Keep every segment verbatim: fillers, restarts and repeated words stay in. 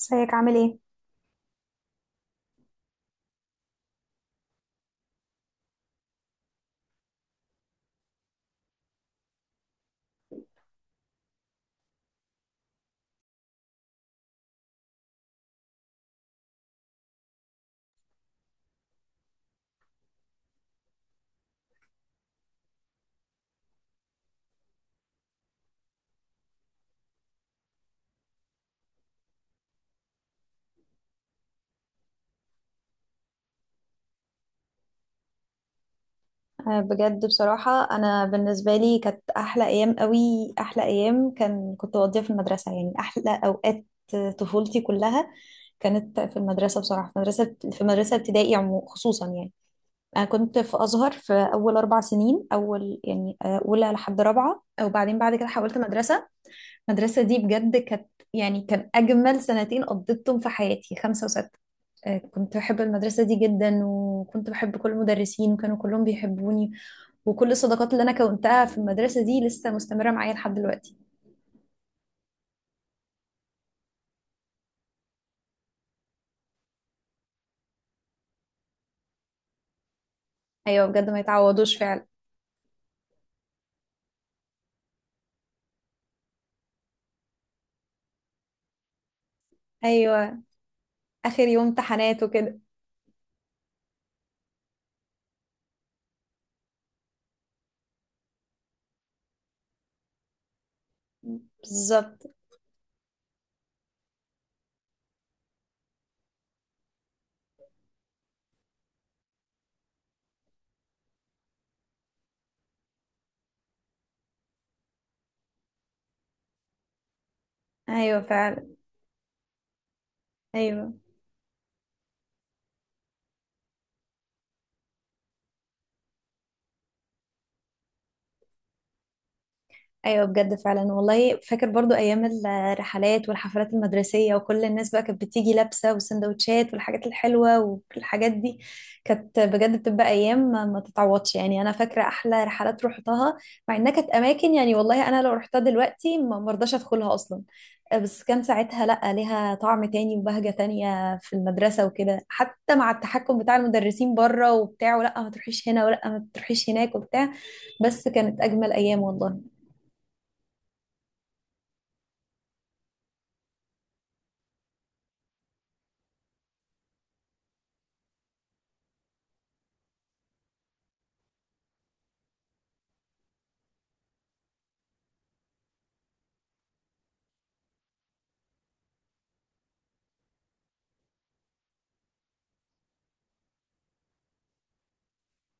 ازيك عامل ايه؟ آه، بجد بصراحة أنا بالنسبة لي كانت أحلى أيام قوي. أحلى أيام كان كنت بقضيها في المدرسة، يعني أحلى أوقات طفولتي كلها كانت في المدرسة بصراحة. في مدرسة في مدرسة ابتدائي عمو- خصوصا يعني. أنا كنت في أزهر في أول أربع سنين، أول يعني آه، أولى لحد رابعة، وبعدين بعد كده حولت مدرسة. المدرسة دي بجد كانت يعني كان أجمل سنتين قضيتهم في حياتي، خمسة وستة. آه، كنت بحب المدرسة دي جدا، وكنت بحب كل المدرسين وكانوا كلهم بيحبوني، وكل الصداقات اللي أنا كونتها في المدرسة دي لسه مستمرة معايا لحد دلوقتي. أيوة، بجد ما يتعوضوش فعلا. أيوة، آخر يوم امتحانات وكده. بالظبط. أيوة فعلا. أيوة. ايوه بجد فعلا والله، فاكر برضو ايام الرحلات والحفلات المدرسيه، وكل الناس بقى كانت بتيجي لابسه وسندوتشات والحاجات الحلوه والحاجات دي. كانت بجد بتبقى ايام ما ما تتعوضش يعني. انا فاكره احلى رحلات روحتها، مع انها كانت اماكن يعني والله انا لو رحتها دلوقتي ما مرضاش ادخلها اصلا. آه، بس كان ساعتها لا، ليها طعم تاني وبهجه تانية في المدرسه وكده، حتى مع التحكم بتاع المدرسين بره وبتاع، ولا ما تروحيش هنا ولا ما تروحيش هناك وبتاع. بس كانت اجمل ايام والله.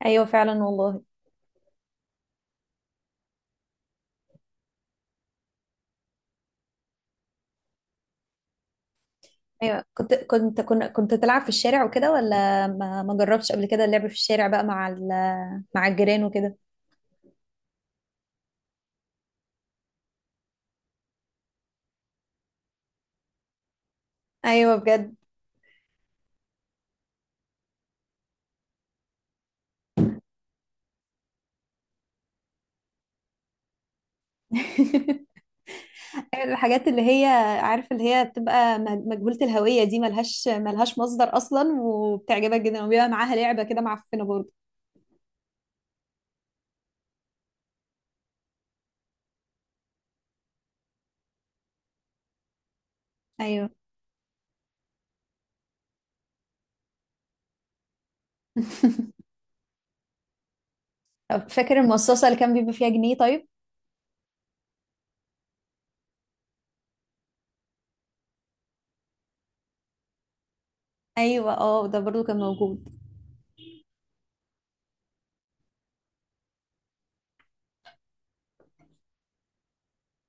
ايوه فعلا والله. ايوه، كنت كنت كنت, كنت تلعب في الشارع وكده؟ ولا ما, ما جربتش قبل كده اللعب في الشارع بقى مع ال... مع الجيران وكده؟ ايوه بجد. أيوة، الحاجات اللي هي، عارف اللي هي بتبقى مج- مجهولة الهوية دي، ملهاش ملهاش مصدر اصلا وبتعجبك جدا، وبيبقى معاها لعبة كده معفنة برضه. ايوه. طب فاكر المصاصة اللي كان بيبقى فيها جنيه طيب؟ ايوه، اه، ده برضه كان موجود.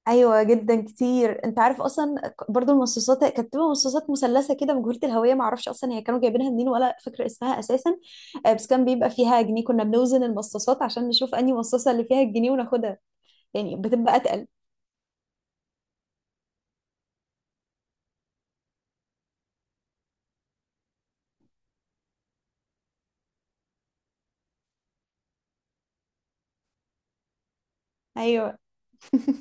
ايوه جدا كتير. انت عارف اصلا، ك- برضو المصاصات كانت بتبقى مصاصات مثلثه كده مجهوله الهويه، ما اعرفش اصلا هي كانوا جايبينها منين، ولا فاكره اسمها اساسا. آه، بس كان بيبقى فيها جنيه، كنا بنوزن المصاصات عشان نشوف انهي مصاصه اللي فيها الجنيه وناخدها، يعني بتبقى اتقل. ايوه.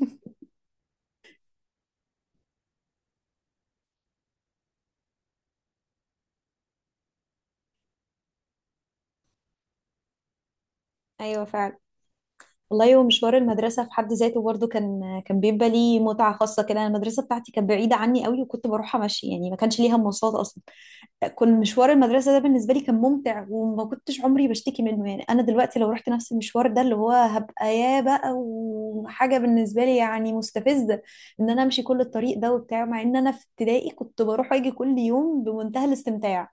ايوه فعلا والله. ومشوار المدرسه في حد ذاته برضو كان كان بيبقى ليه متعه خاصه كده. أنا المدرسه بتاعتي كانت بعيده عني قوي، وكنت بروحها ماشي يعني، ما كانش ليها مواصلات اصلا. كان مشوار المدرسة ده بالنسبة لي كان ممتع، وما كنتش عمري بشتكي منه يعني. أنا دلوقتي لو رحت نفس المشوار ده، اللي هو هبقى يا بقى وحاجة بالنسبة لي يعني مستفزة إن أنا أمشي كل الطريق ده وبتاع، مع إن أنا في ابتدائي كنت بروح وأجي كل يوم بمنتهى الاستمتاع.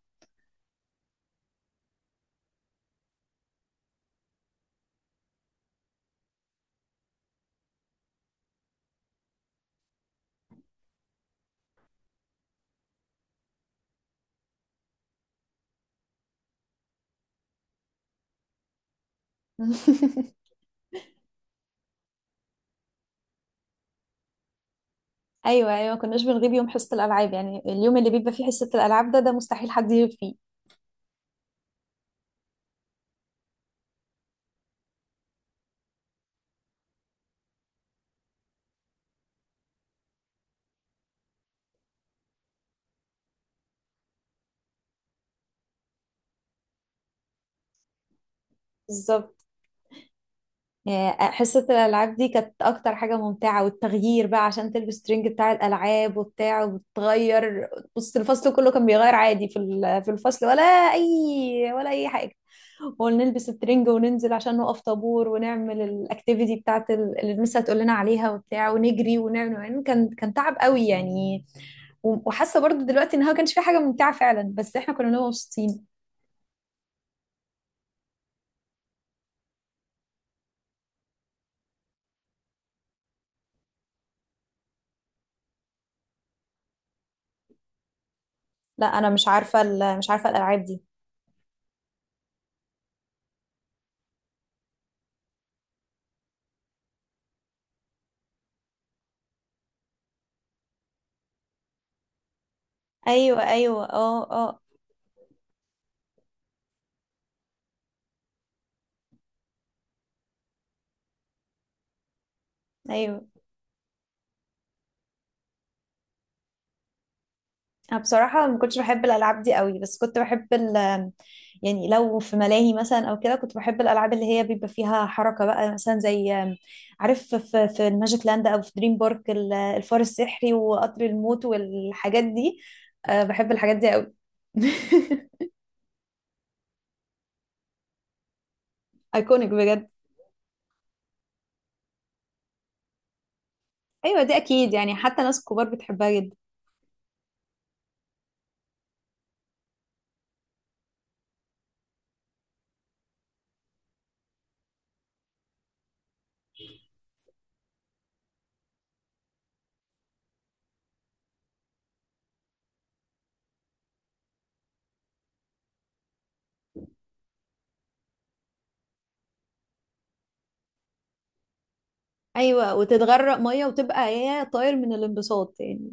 أيوه أيوه، ما كناش بنغيب يوم حصة الألعاب يعني. اليوم اللي بيبقى فيه حصة الألعاب ده ده مستحيل حد يغيب فيه. بالظبط. آه، حصة الألعاب دي كانت أكتر حاجة ممتعة، والتغيير بقى عشان تلبس ترنج بتاع الألعاب وبتاع وبتغير. بص الفصل كله كان بيغير عادي في ال- في الفصل، ولا أي ولا أي حاجة. ونلبس الترنج وننزل عشان نقف طابور ونعمل الأكتيفيتي بتاعت ال- اللي المس هتقول لنا عليها وبتاع، ونجري ونعمل، يعني كان كان تعب قوي يعني. و- وحاسة برضو دلوقتي إنها ما كانش في حاجة ممتعة فعلا، بس إحنا كنا بنبقى مبسوطين. لا أنا مش عارفة ال- مش عارفة الألعاب دي. ايوه ايوه، اه اه. ايوه. أنا بصراحة ما كنتش بحب الألعاب دي قوي، بس كنت بحب ال يعني لو في ملاهي مثلا أو كده، كنت بحب الألعاب اللي هي بيبقى فيها حركة بقى، مثلا زي، عارف، في, في الماجيك لاند أو في دريم بارك، ال- الفار السحري وقطر الموت والحاجات دي. أه بحب الحاجات دي قوي. ايكونيك بجد. أيوة دي أكيد يعني، حتى ناس كبار بتحبها جدا. أيوة، وتتغرق مية وتبقى هي طاير من الانبساط يعني.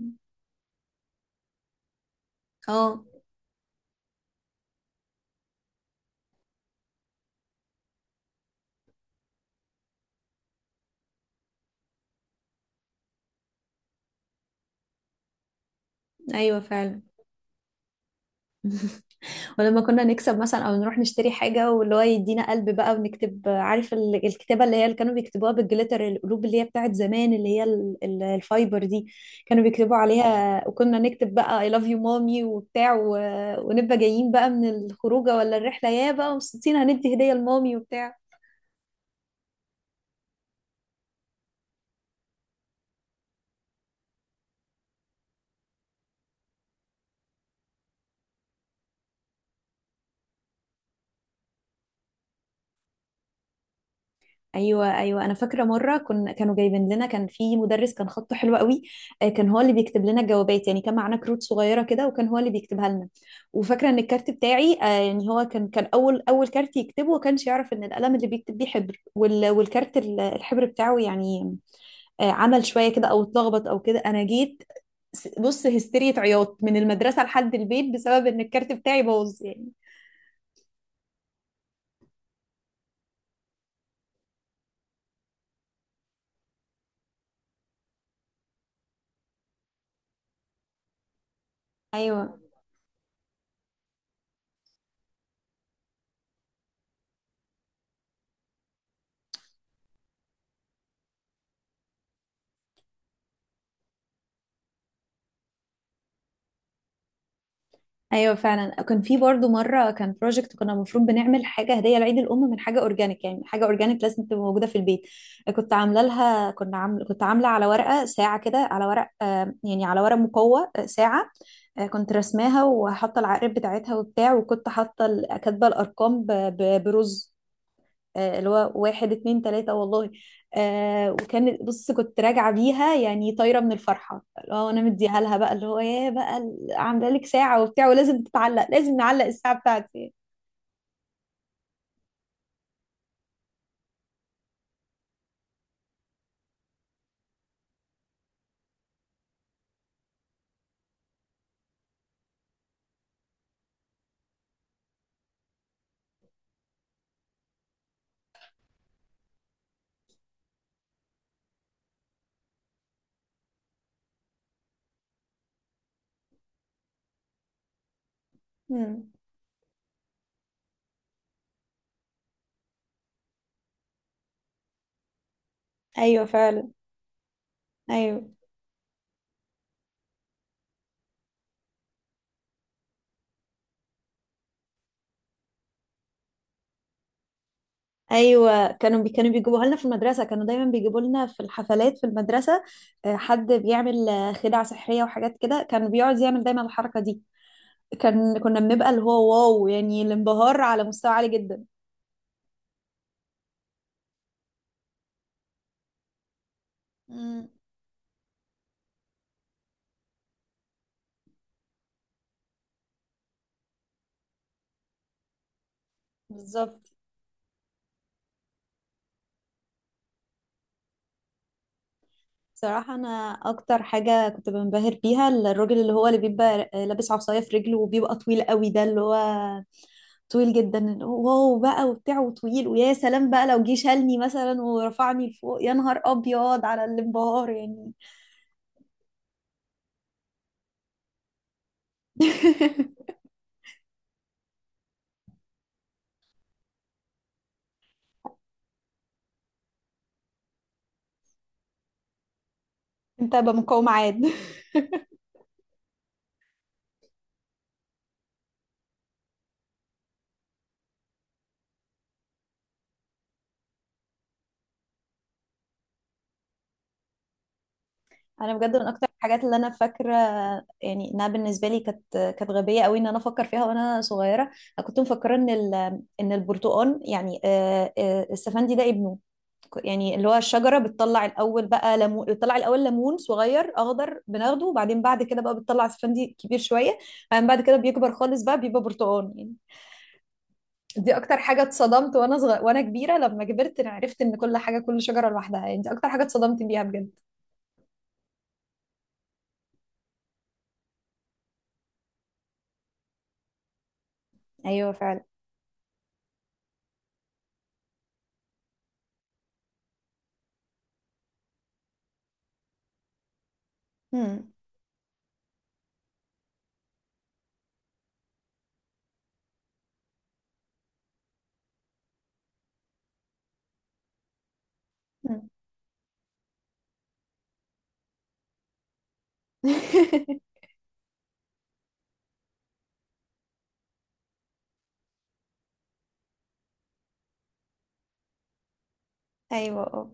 اه. أيوة فعلا. ولما كنا نكسب مثلا او نروح نشتري حاجه، واللي هو يدينا قلب بقى ونكتب، عارف، ال- الكتابه اللي هي اللي كانوا بيكتبوها بالجليتر، القلوب اللي هي بتاعت زمان اللي هي ال- ال- الفايبر دي، كانوا بيكتبوا عليها، وكنا نكتب بقى I love you mommy وبتاع، و... ونبقى جايين بقى من الخروجه ولا الرحله، يا بقى مبسوطين هندي هديه لمامي وبتاع. ايوه ايوه، انا فاكره مره كنا كانوا جايبين لنا، كان في مدرس كان خطه حلو قوي. آه، كان هو اللي بيكتب لنا الجوابات يعني، كان معانا كروت صغيره كده، وكان هو اللي بيكتبها لنا. وفاكره ان الكارت بتاعي، آه، يعني هو كان كان اول اول كارت يكتبه، وكانش يعرف ان القلم اللي بيكتب بيه حبر، وال- والكارت، ال- الحبر بتاعه يعني آه، عمل شويه كده او اتلخبط او كده. انا جيت س- بص هستيرية عياط من المدرسه لحد البيت، بسبب ان الكارت بتاعي باظ يعني. ايوه. ايوه فعلا، كان في برضو مره كان بروجكت، كنا المفروض بنعمل حاجه هديه لعيد الام من حاجه اورجانيك، يعني حاجه اورجانيك لازم تبقى موجوده في البيت. كنت عامله لها كنا عامل كنت عامله على ورقه ساعه كده، على ورق، آه، يعني على ورق مقوى، آه، ساعه. آه، كنت رسماها وحاطه العقارب بتاعتها وبتاع، وكنت حاطه ال- كاتبه الارقام ب- ب- برز، آه، اللي هو واحد اتنين تلاتة والله. آه وكان، بص، كنت راجعة بيها يعني طايرة من الفرحة، اللي هو أنا مديها لها بقى، اللي هو يا بقى، ال- عاملة لك ساعة وبتاع، ولازم تتعلق، لازم نعلق الساعة بتاعتي. مم. أيوة فعلا. أيوة أيوة، كانوا بي كانوا بيجيبوها لنا في المدرسة، كانوا دايما بيجيبوا لنا في الحفلات في المدرسة. آه، حد بيعمل آه، خدع سحرية وحاجات كده، كان بيقعد يعمل دايما الحركة دي، كان كنا بنبقى اللي هو واو يعني، الانبهار على مستوى عالي جدا. مم. بالظبط. صراحة أنا أكتر حاجة كنت بنبهر بيها الراجل اللي هو اللي بيبقى لابس عصاية في رجله وبيبقى طويل قوي، ده اللي هو طويل جدا، واو بقى وبتاع، وطويل، ويا سلام بقى لو جه شالني مثلا ورفعني لفوق، يا نهار أبيض على الانبهار يعني. انت بمقاوم عاد. انا بجد من اكتر الحاجات اللي انا فاكره، يعني انها بالنسبه لي كانت، كانت غبيه قوي ان انا افكر فيها وانا صغيره. انا كنت مفكره ان ال... ان البرتقال يعني آه، آه، السفندي ده ابنه، يعني اللي هو الشجرة بتطلع الأول بقى ليمون، بتطلع الأول ليمون صغير أخضر بناخده، وبعدين بعد كده بقى بتطلع اسفندي كبير شوية، بعدين بعد كده بيكبر خالص بقى بيبقى برتقال يعني. دي أكتر حاجة اتصدمت وأنا صغير، وأنا كبيرة لما كبرت أنا عرفت إن كل حاجة، كل شجرة لوحدها يعني، دي أكتر حاجة اتصدمت بيها بجد. أيوه فعلا. هم. هم. أيوه أه.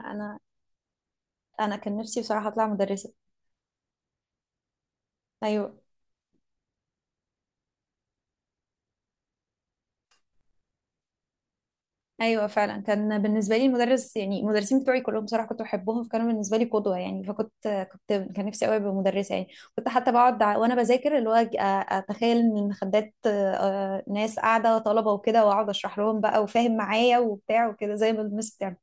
أنا أنا كان نفسي بصراحة أطلع مدرسة. أيوه. ايوه فعلا، كان بالنسبه لي المدرس يعني المدرسين بتوعي كلهم بصراحه كنت بحبهم، فكانوا بالنسبه لي قدوه يعني، فكنت كنت كان نفسي قوي ابقى مدرسه يعني. كنت حتى بقعد ع- وانا بذاكر، اللي هو أج- أ- اتخيل ان المخدات آه، ناس قاعده طلبه وكده، واقعد اشرح لهم بقى وفاهم معايا وبتاع وكده، زي ما المس بتعمل.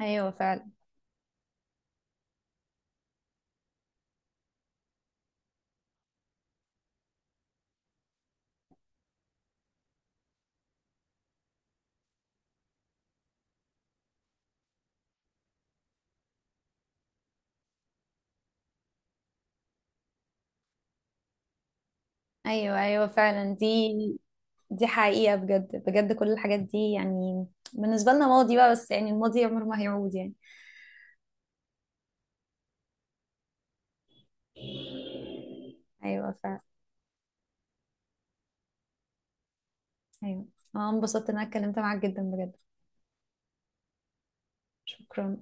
ايوه فعلا. ايوه ايوه فعلا، دي دي حقيقه بجد بجد، كل الحاجات دي يعني بالنسبه لنا ماضي بقى، بس يعني الماضي عمره ما هيعود يعني. ايوه فعلا. ايوه، انا انبسطت ان انا اتكلمت معاك جدا بجد. شكرا.